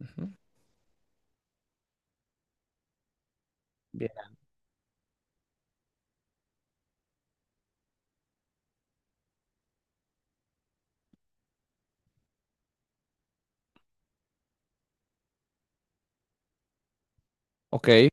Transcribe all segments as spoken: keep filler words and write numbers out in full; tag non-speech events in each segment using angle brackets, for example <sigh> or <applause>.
Ujú. Bien. Ok. <laughs> eh,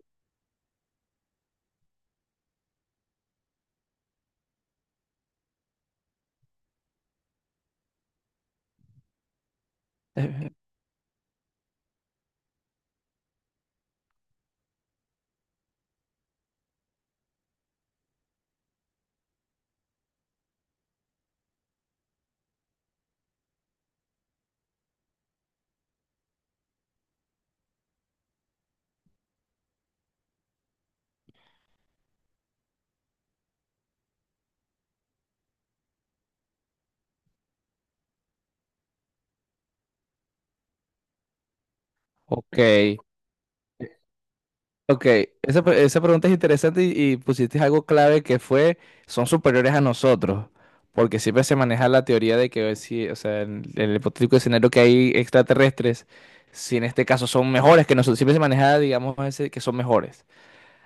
Ok. Ok. Esa, pre- esa pregunta es interesante y, y pusiste algo clave que fue, son superiores a nosotros. Porque siempre se maneja la teoría de que si, o sea, en en el hipotético escenario que hay extraterrestres, si en este caso son mejores que nosotros, siempre se maneja, digamos, ese, que son mejores.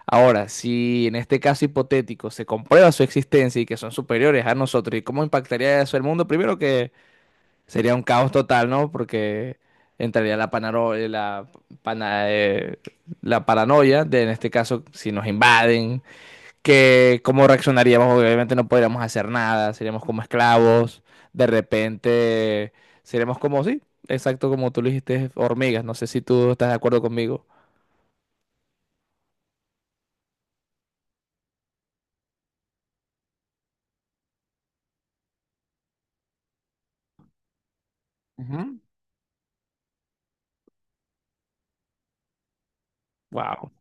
Ahora, si en este caso hipotético se comprueba su existencia y que son superiores a nosotros, ¿y cómo impactaría eso el mundo? Primero que sería un caos total, ¿no? Porque entraría la, panaro- eh, la, pana- eh, la paranoia de, en este caso, si nos invaden, que cómo reaccionaríamos. Obviamente no podríamos hacer nada, seríamos como esclavos, de repente seríamos como, sí, exacto como tú lo dijiste, hormigas. No sé si tú estás de acuerdo conmigo. Ujú. Wow.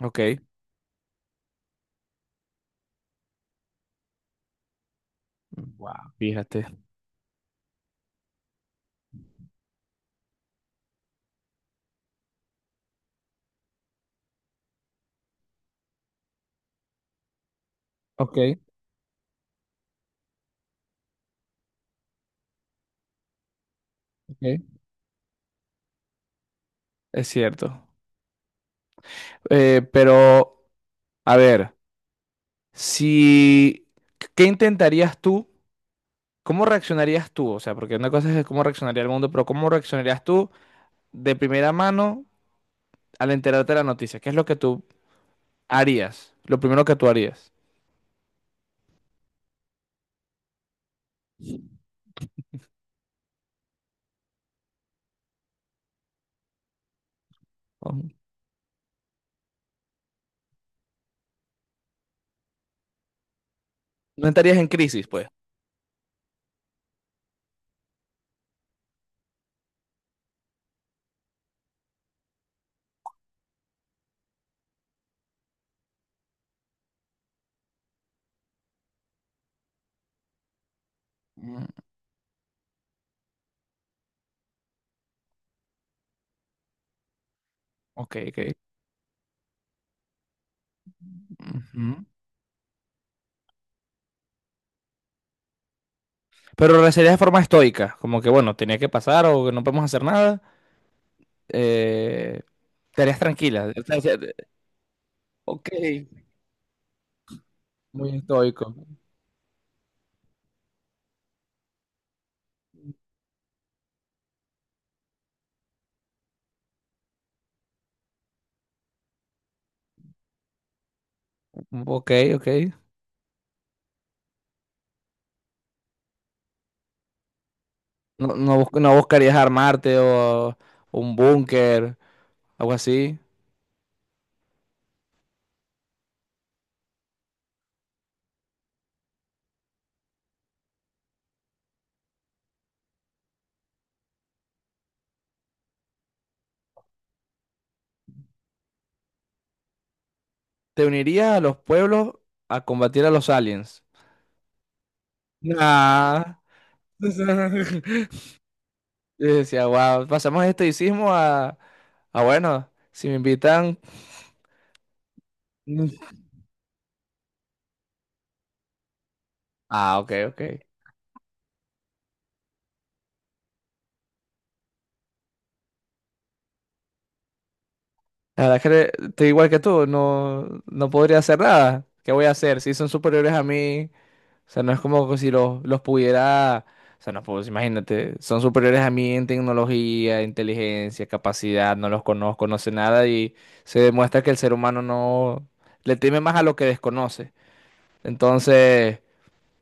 Ok. Wow, fíjate. Ok, ok. Es cierto. Eh, pero, a ver. Si, ¿qué intentarías tú? ¿Cómo reaccionarías tú? O sea, porque una cosa es cómo reaccionaría el mundo, pero ¿cómo reaccionarías tú de primera mano al enterarte de la noticia? ¿Qué es lo que tú harías? Lo primero que tú harías. Ujú. No estarías en crisis, pues. Mm. Ok, ok. Ujú. Pero lo sería de forma estoica, como que bueno, tenía que pasar o que no podemos hacer nada. Eh, Estarías tranquila. O sea, se- ok, muy estoico. Ok, ok. No, no, bus- no buscarías armarte o un búnker, algo así. Te unirías a los pueblos a combatir a los aliens. Nah. <laughs> Yo decía, wow, pasamos de estoicismo a, a bueno, si me invitan. Mm. Ah, ok, ok. La verdad es que le- Estoy igual que tú, no, no podría hacer nada. ¿Qué voy a hacer? Si son superiores a mí, o sea, no es como que si los, los pudiera, o sea, no puedo, imagínate, son superiores a mí en tecnología, inteligencia, capacidad, no los conozco, no sé nada y se demuestra que el ser humano no le teme más a lo que desconoce. Entonces,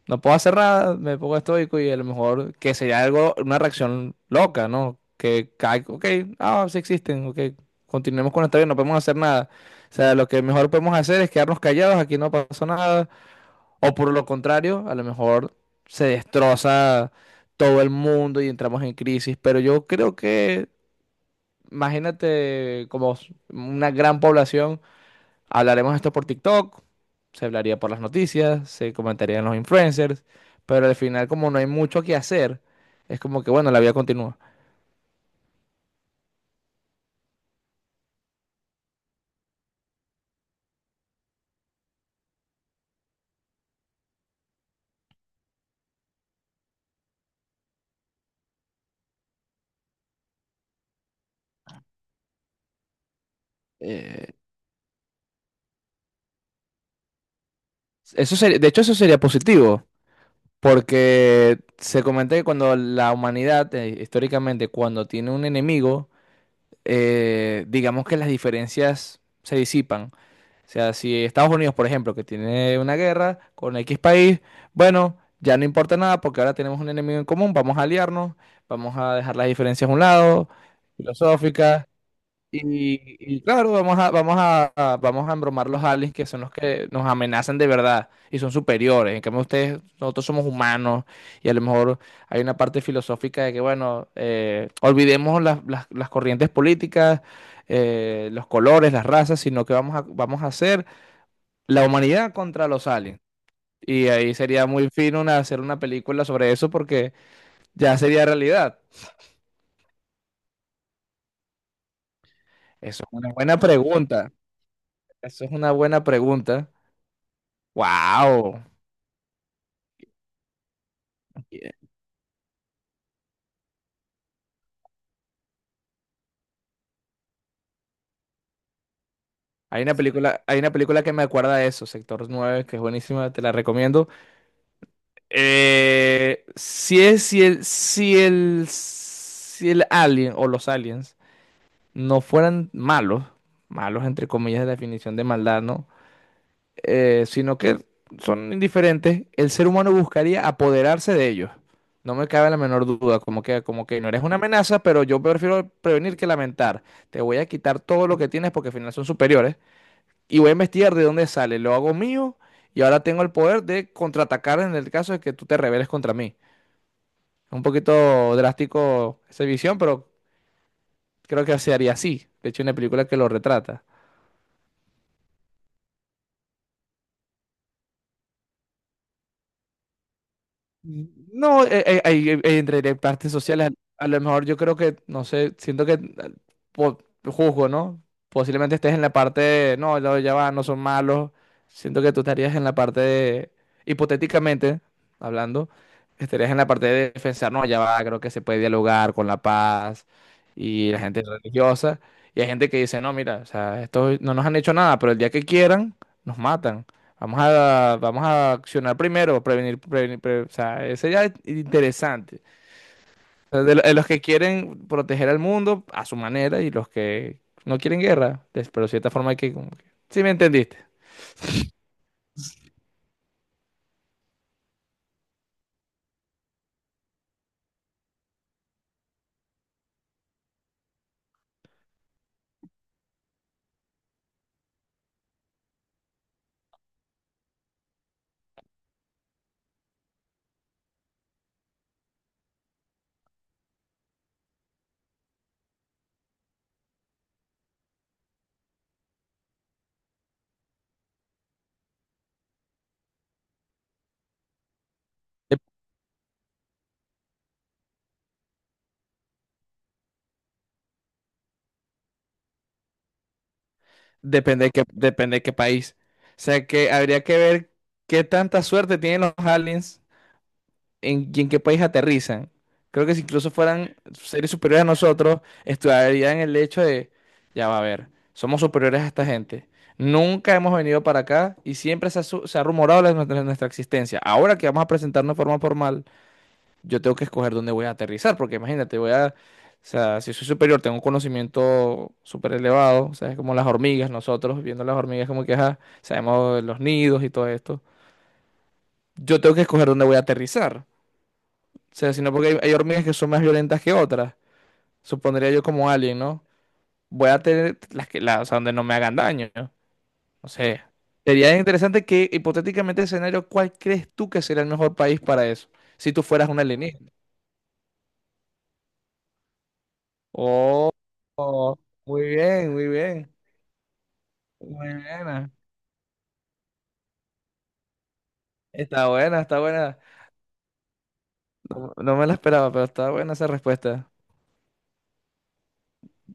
no puedo hacer nada, me pongo estoico y a lo mejor que sería algo, una reacción loca, ¿no? Que cae, ok, ah, sí existen, ok, continuemos con nuestra vida, no podemos hacer nada. O sea, lo que mejor podemos hacer es quedarnos callados, aquí no pasó nada o por lo contrario, a lo mejor se destroza todo el mundo y entramos en crisis. Pero yo creo que, imagínate, como s- una gran población, hablaremos esto por TikTok, se hablaría por las noticias, se comentarían los influencers, pero al final, como no hay mucho que hacer, es como que, bueno, la vida continúa. Eh, Eso sería, de hecho, eso sería positivo. Porque se comenta que cuando la humanidad, eh, históricamente, cuando tiene un enemigo, eh, digamos que las diferencias se disipan. O sea, si Estados Unidos, por ejemplo, que tiene una guerra con X país, bueno, ya no importa nada porque ahora tenemos un enemigo en común, vamos a aliarnos, vamos a dejar las diferencias a un lado, filosóficas, y, y claro, vamos a, vamos a, a- vamos a embromar los aliens que son los que nos amenazan de verdad y son superiores. En cambio, ustedes, nosotros somos humanos y a lo mejor hay una parte filosófica de que, bueno, eh, olvidemos las, las- las corrientes políticas, eh, los colores, las razas, sino que vamos a, vamos a hacer la humanidad contra los aliens. Y ahí sería muy fino una- hacer una película sobre eso porque ya sería realidad. Eso es una buena pregunta. Eso es una buena pregunta. Wow. Yeah. Hay una película, hay una película que me acuerda de eso, Sector Nueve, que es buenísima, te la recomiendo. Eh, si es, si el, si el, si el alien o los aliens no fueran malos, malos entre comillas de la definición de maldad, ¿no? Eh, sino que son indiferentes, el ser humano buscaría apoderarse de ellos. No me cabe la menor duda, como que, como que no eres una amenaza, pero yo prefiero prevenir que lamentar. Te voy a quitar todo lo que tienes porque al final son superiores y voy a investigar de dónde sale, lo hago mío y ahora tengo el poder de contraatacar en el caso de que tú te rebeles contra mí. Es un poquito drástico esa visión, pero creo que se haría así. De hecho, hay una película que lo retrata. No, eh, eh, ahí, eh, eh, entre las partes sociales, a lo mejor yo creo que, no sé, siento que eh, po- juzgo, ¿no? Posiblemente estés en la parte de, no, no, ya va, no son malos. Siento que tú estarías en la parte de, hipotéticamente hablando, estarías en la parte de defensar, no, ya va, creo que se puede dialogar con la paz y la gente religiosa. Y hay gente que dice, no, mira, o sea, esto no nos han hecho nada, pero el día que quieran, nos matan. Vamos a, vamos a accionar primero, prevenir, prevenir, pre- o sea, ese ya es interesante. O sea, de, lo- de los que quieren proteger al mundo a su manera y los que no quieren guerra, des- pero de cierta forma hay que, como que, ¿sí me entendiste? Dep- depende de qué, depende de qué país. O sea, que habría que ver qué tanta suerte tienen los aliens en, y en qué país aterrizan. Creo que si incluso fueran seres superiores a nosotros, estudiarían el hecho de, ya va a ver, somos superiores a esta gente. Nunca hemos venido para acá y siempre se ha, su- se ha rumorado la- nuestra, nuestra existencia. Ahora que vamos a presentarnos de forma formal, yo tengo que escoger dónde voy a aterrizar, porque imagínate, voy a, o sea, si soy superior, tengo un conocimiento súper elevado, o sea, es como las hormigas, nosotros viendo las hormigas como que, ajá, sabemos los nidos y todo esto. Yo tengo que escoger dónde voy a aterrizar. O sea, sino porque hay, hay hormigas que son más violentas que otras. Supondría yo como alien, ¿no? Voy a tener las que, las, o sea, donde no me hagan daño. No, no sé. Sería interesante que, hipotéticamente, escenario, ¿cuál crees tú que sería el mejor país para eso? Si tú fueras un alienígena. Oh, muy bien, muy bien. Muy buena. Está buena, está buena. No, no me la esperaba, pero está buena esa respuesta.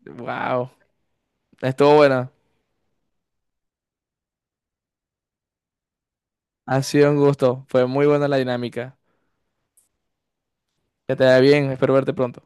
Wow. Estuvo buena. Ha sido un gusto. Fue muy buena la dinámica. Que te vaya bien. Espero verte pronto.